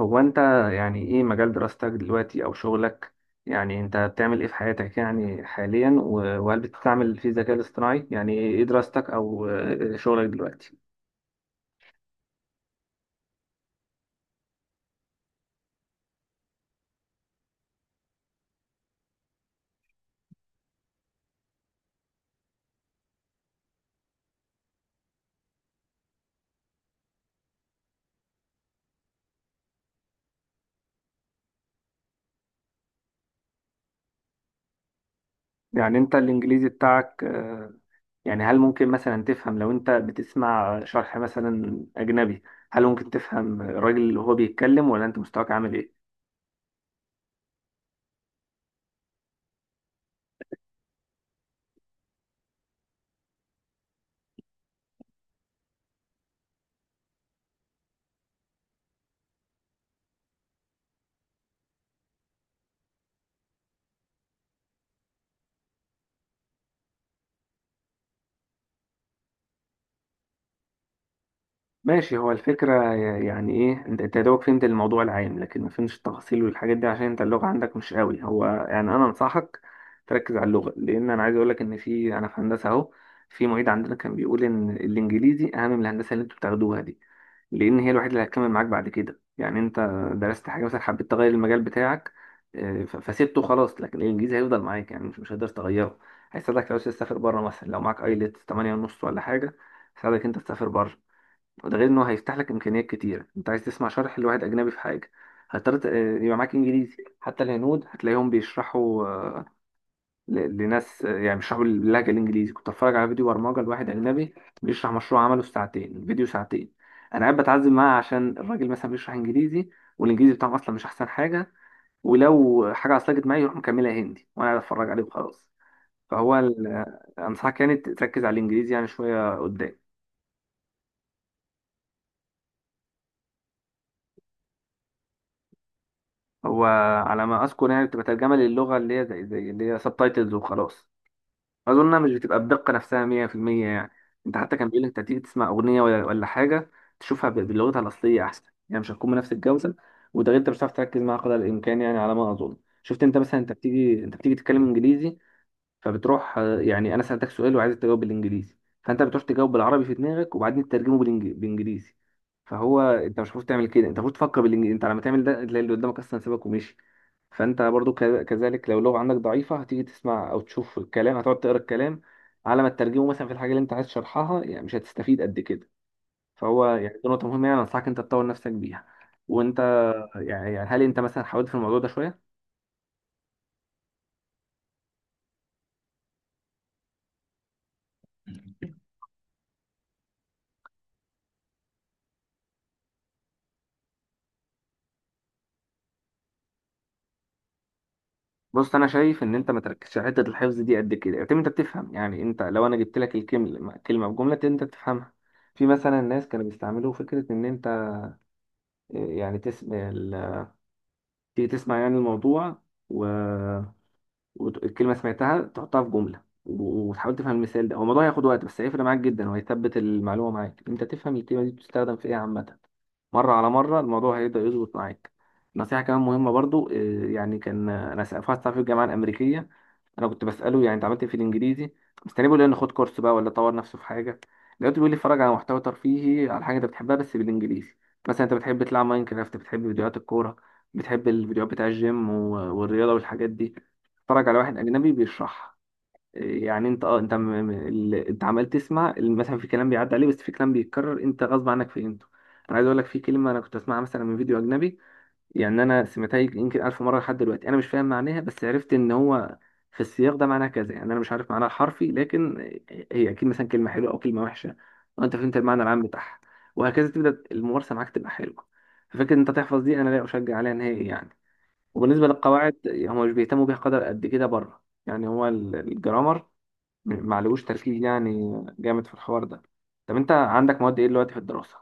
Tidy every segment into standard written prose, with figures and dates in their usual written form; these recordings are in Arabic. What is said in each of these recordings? هو انت، يعني ايه مجال دراستك دلوقتي او شغلك؟ يعني انت بتعمل ايه في حياتك يعني حاليا، وهل بتستعمل فيه الذكاء الاصطناعي؟ يعني ايه دراستك او شغلك دلوقتي؟ يعني انت الانجليزي بتاعك، يعني هل ممكن مثلا تفهم لو انت بتسمع شرح مثلا اجنبي؟ هل ممكن تفهم الراجل اللي هو بيتكلم، ولا انت مستواك عامل ايه؟ ماشي، هو الفكرة يعني ايه، انت يا دوبك فهمت الموضوع العام لكن ما فهمتش التفاصيل والحاجات دي عشان انت اللغة عندك مش قوي. هو يعني انا انصحك تركز على اللغة، لان انا عايز اقولك ان انا في هندسة اهو، في معيد عندنا كان بيقول ان الانجليزي اهم من الهندسة اللي انتوا بتاخدوها دي، لان هي الوحيدة اللي هتكمل معاك بعد كده. يعني انت درست حاجة مثلا، حبيت تغير المجال بتاعك، فسيبته خلاص، لكن الانجليزي هيفضل معاك، يعني مش هتقدر تغيره. هيساعدك لو عايز تسافر بره، مثلا لو معاك ايلتس 8 ونص ولا حاجة، يساعدك انت تسافر بره. وده غير انه هيفتح لك امكانيات كتيره. انت عايز تسمع شرح لواحد اجنبي في حاجه هتضطر يبقى معاك انجليزي. حتى الهنود هتلاقيهم بيشرحوا، لناس يعني بيشرحوا باللهجه الانجليزي. كنت اتفرج على فيديو برمجه لواحد اجنبي بيشرح مشروع عمله في ساعتين، الفيديو ساعتين، انا قاعد بتعذب معاه عشان الراجل مثلا بيشرح انجليزي، والانجليزي بتاعهم اصلا مش احسن حاجه، ولو حاجه عصلجت معايا يروح مكملها هندي وانا قاعد اتفرج عليه وخلاص. فهو انصحك يعني تركز على الانجليزي يعني شويه قدام. هو، على ما اذكر، يعني بتبقى ترجمه للغه، اللي هي زي اللي هي سب تايتلز وخلاص. اظن انها مش بتبقى الدقه نفسها 100% يعني. انت حتى كان بيقول لك انت تيجي تسمع اغنيه ولا حاجه، تشوفها بلغتها الاصليه احسن. يعني مش هتكون بنفس الجوده. وده غير انت مش هتعرف تركز معاها قدر الامكان، يعني على ما اظن. شفت انت مثلا، انت بتيجي تتكلم انجليزي، فبتروح يعني، انا سالتك سؤال وعايز تجاوب بالانجليزي، فانت بتروح تجاوب بالعربي في دماغك وبعدين تترجمه بالانجليزي. فهو انت مش المفروض تعمل كده، انت المفروض تفكر بالانجليزي. انت لما تعمل ده تلاقي اللي قدامك اصلا سابك ومشي. فانت برضو كذلك، لو اللغه عندك ضعيفه هتيجي تسمع او تشوف الكلام، هتقعد تقرا الكلام على ما تترجمه، مثلا في الحاجه اللي انت عايز تشرحها، يعني مش هتستفيد قد كده. فهو يعني دي نقطه مهمه، يعني انصحك انت تطور نفسك بيها. وانت يعني هل انت مثلا حاولت في الموضوع ده شويه؟ بص، انا شايف ان انت ما تركزش على حته الحفظ دي قد كده، يعتمد انت بتفهم، يعني انت لو انا جبت لك الكلمه، كلمه بجمله انت بتفهمها. في مثلا الناس كانوا بيستعملوا فكره ان انت يعني تيجي تسمع يعني الموضوع، والكلمة سمعتها تحطها في جملة وتحاول تفهم المثال ده. هو الموضوع هياخد وقت بس هيفرق معاك جدا، وهيثبت المعلومة معاك، انت تفهم الكلمة دي بتستخدم في ايه عامة. مرة على مرة الموضوع هيبدأ يظبط معاك. نصيحة كمان مهمة برضو، يعني كان، في واحد صاحبي في الجامعة الأمريكية، أنا كنت بسأله يعني أنت عملت إيه في الإنجليزي، مستني بيقول لي إن خد كورس بقى ولا طور نفسه في حاجة. لقيته بيقول لي اتفرج على محتوى ترفيهي، على حاجة أنت بتحبها بس بالإنجليزي. مثلا أنت بتحب تلعب ماينكرافت، بتحب فيديوهات الكورة، بتحب الفيديوهات بتاع الجيم والرياضة والحاجات دي، اتفرج على واحد اجنبي بيشرحها. إيه يعني؟ انت اه انت م... م- ال- انت عمال تسمع، مثلا في كلام بيعدي عليه، بس في كلام بيتكرر انت غصب عنك فهمته. انا عايز اقول لك في كلمه انا كنت اسمعها مثلا من فيديو اجنبي، يعني انا سمعتها يمكن الف مره لحد دلوقتي، انا مش فاهم معناها بس عرفت ان هو في السياق ده معناها كذا. يعني انا مش عارف معناها حرفي، لكن هي اكيد مثلا كلمه حلوه او كلمه وحشه، وانت فهمت المعنى العام بتاعها. وهكذا تبدا الممارسه معاك تبقى حلوه. ففكره ان انت تحفظ دي انا لا اشجع عليها نهائي يعني. وبالنسبة للقواعد، هم مش بيهتموا بيها قدر قد كده بره، يعني هو الجرامر معلوش تركيز يعني، جامد في الحوار ده. طب انت عندك مواد ايه دلوقتي في الدراسة؟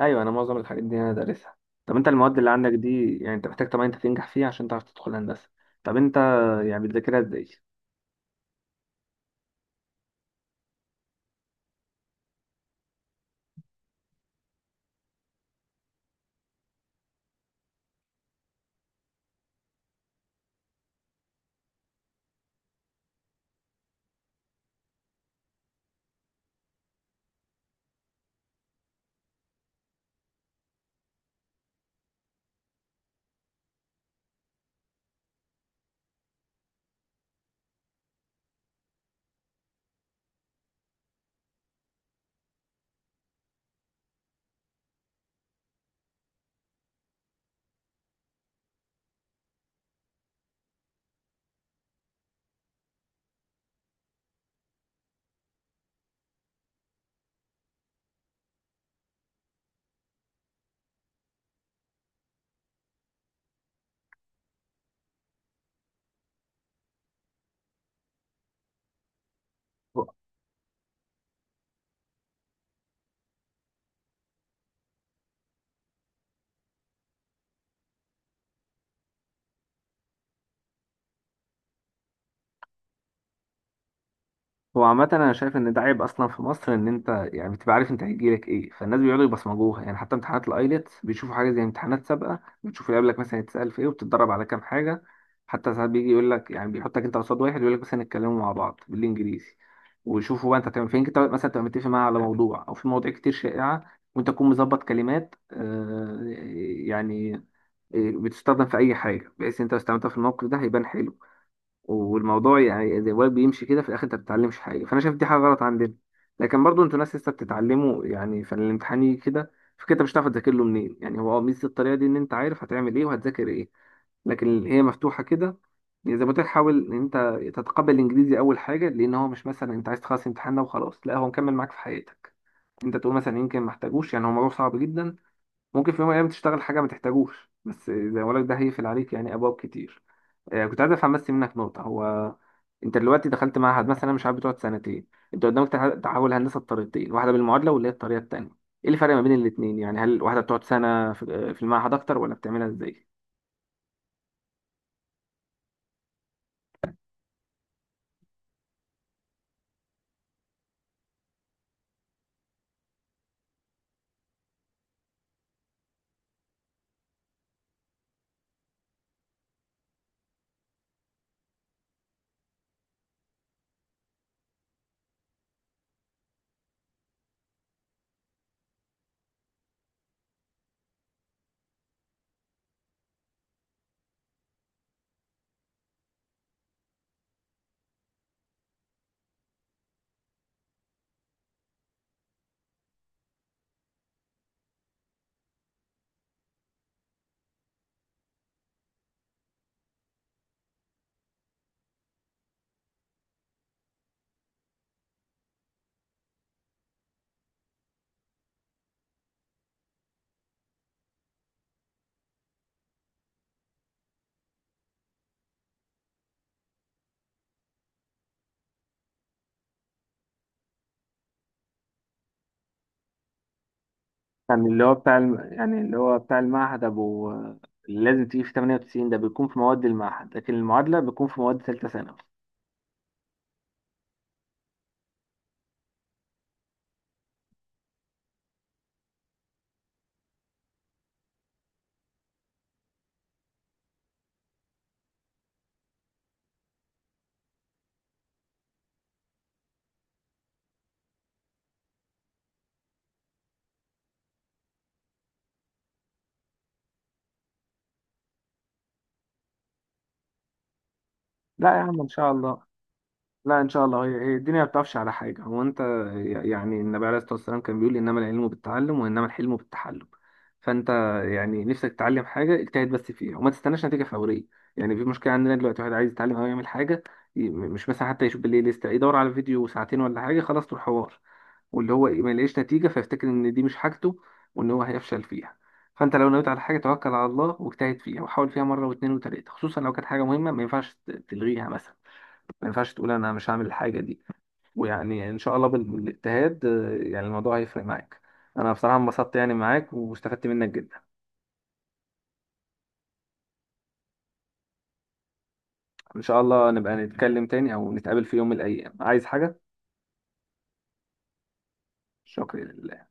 ايوه، انا معظم الحاجات دي انا دارسها. طب انت المواد اللي عندك دي يعني انت محتاج طبعا انت تنجح فيها عشان تعرف تدخل هندسة. طب انت يعني بتذاكرها ازاي؟ هو عامة أنا شايف إن ده عيب أصلا في مصر، إن أنت يعني بتبقى عارف أنت هيجيلك إيه، فالناس بيقعدوا يبصمجوها. يعني حتى امتحانات الأيلتس بيشوفوا حاجة زي امتحانات سابقة، بتشوفوا يقابلك مثلا يتسأل في إيه، وبتتدرب على كام حاجة. حتى ساعات بيجي يقول لك، يعني بيحطك أنت قصاد واحد يقول لك مثلا اتكلموا مع بعض بالإنجليزي، ويشوفوا بقى أنت هتعمل فين. أنت مثلا تبقى متفق معاه على موضوع، أو في مواضيع كتير شائعة وأنت تكون مظبط كلمات، يعني بتستخدم في أي حاجة، بحيث أنت لو استخدمتها في الموقف ده هيبان حلو. والموضوع يعني الواد بيمشي كده، في الاخر انت ما بتتعلمش حاجه. فانا شايف دي حاجه غلط عندنا، لكن برضو انتوا ناس لسه بتتعلموا، يعني فالامتحان يجي كده، فكده انت مش هتعرف تذاكر له منين. يعني هو ميزه الطريقه دي ان انت عارف هتعمل ايه وهتذاكر ايه، لكن هي مفتوحه كده. يعني زي ما قلت لك، حاول ان انت تتقبل الانجليزي اول حاجه، لان هو مش مثلا انت عايز تخلص امتحان ده وخلاص، لا، هو مكمل معاك في حياتك. انت تقول مثلا يمكن ما احتاجوش، يعني هو موضوع صعب جدا ممكن في يوم من الايام تشتغل حاجه ما تحتاجوش، بس زي ما بقول لك ده هيقفل عليك يعني ابواب كتير. كنت عايز افهم بس منك نقطة. هو انت دلوقتي دخلت معهد مثلا، مش عارف بتقعد سنتين، انت قدامك تحول هندسة بطريقتين، واحدة بالمعادلة واللي هي الطريقة التانية. ايه الفرق ما بين الاتنين؟ يعني هل واحدة بتقعد سنة في، في المعهد اكتر، ولا بتعملها ازاي؟ يعني اللي هو بتاع الم... يعني اللي هو بتاع المعهد ابو، اللي لازم تيجي في 98 ده بيكون في مواد المعهد، لكن المعادله بيكون في مواد ثالثه ثانوي. لا يا عم ان شاء الله. لا ان شاء الله، هي هي الدنيا ما بتقفش على حاجه. هو انت يعني النبي عليه الصلاه والسلام كان بيقول: انما العلم بالتعلم وانما الحلم بالتحلم. فانت يعني نفسك تتعلم حاجه، اجتهد بس فيها وما تستناش نتيجه فوريه. يعني في مشكله عندنا دلوقتي، واحد عايز يتعلم او يعمل حاجه، مش مثلا حتى يشوف بالليل، لسه يدور على فيديو ساعتين ولا حاجه خلاص طول حوار، واللي هو إيه، ما يلاقيش نتيجه فيفتكر ان دي مش حاجته وان هو هيفشل فيها. فانت لو نويت على حاجه توكل على الله واجتهد فيها، وحاول فيها مره واثنين وثلاثه، خصوصا لو كانت حاجه مهمه ما ينفعش تلغيها مثلا، ما ينفعش تقول انا مش هعمل الحاجه دي. ويعني ان شاء الله بالاجتهاد، يعني الموضوع هيفرق معاك. انا بصراحه انبسطت يعني معاك، واستفدت منك جدا. ان شاء الله نبقى نتكلم تاني او نتقابل في يوم من الايام، عايز حاجه. شكرا.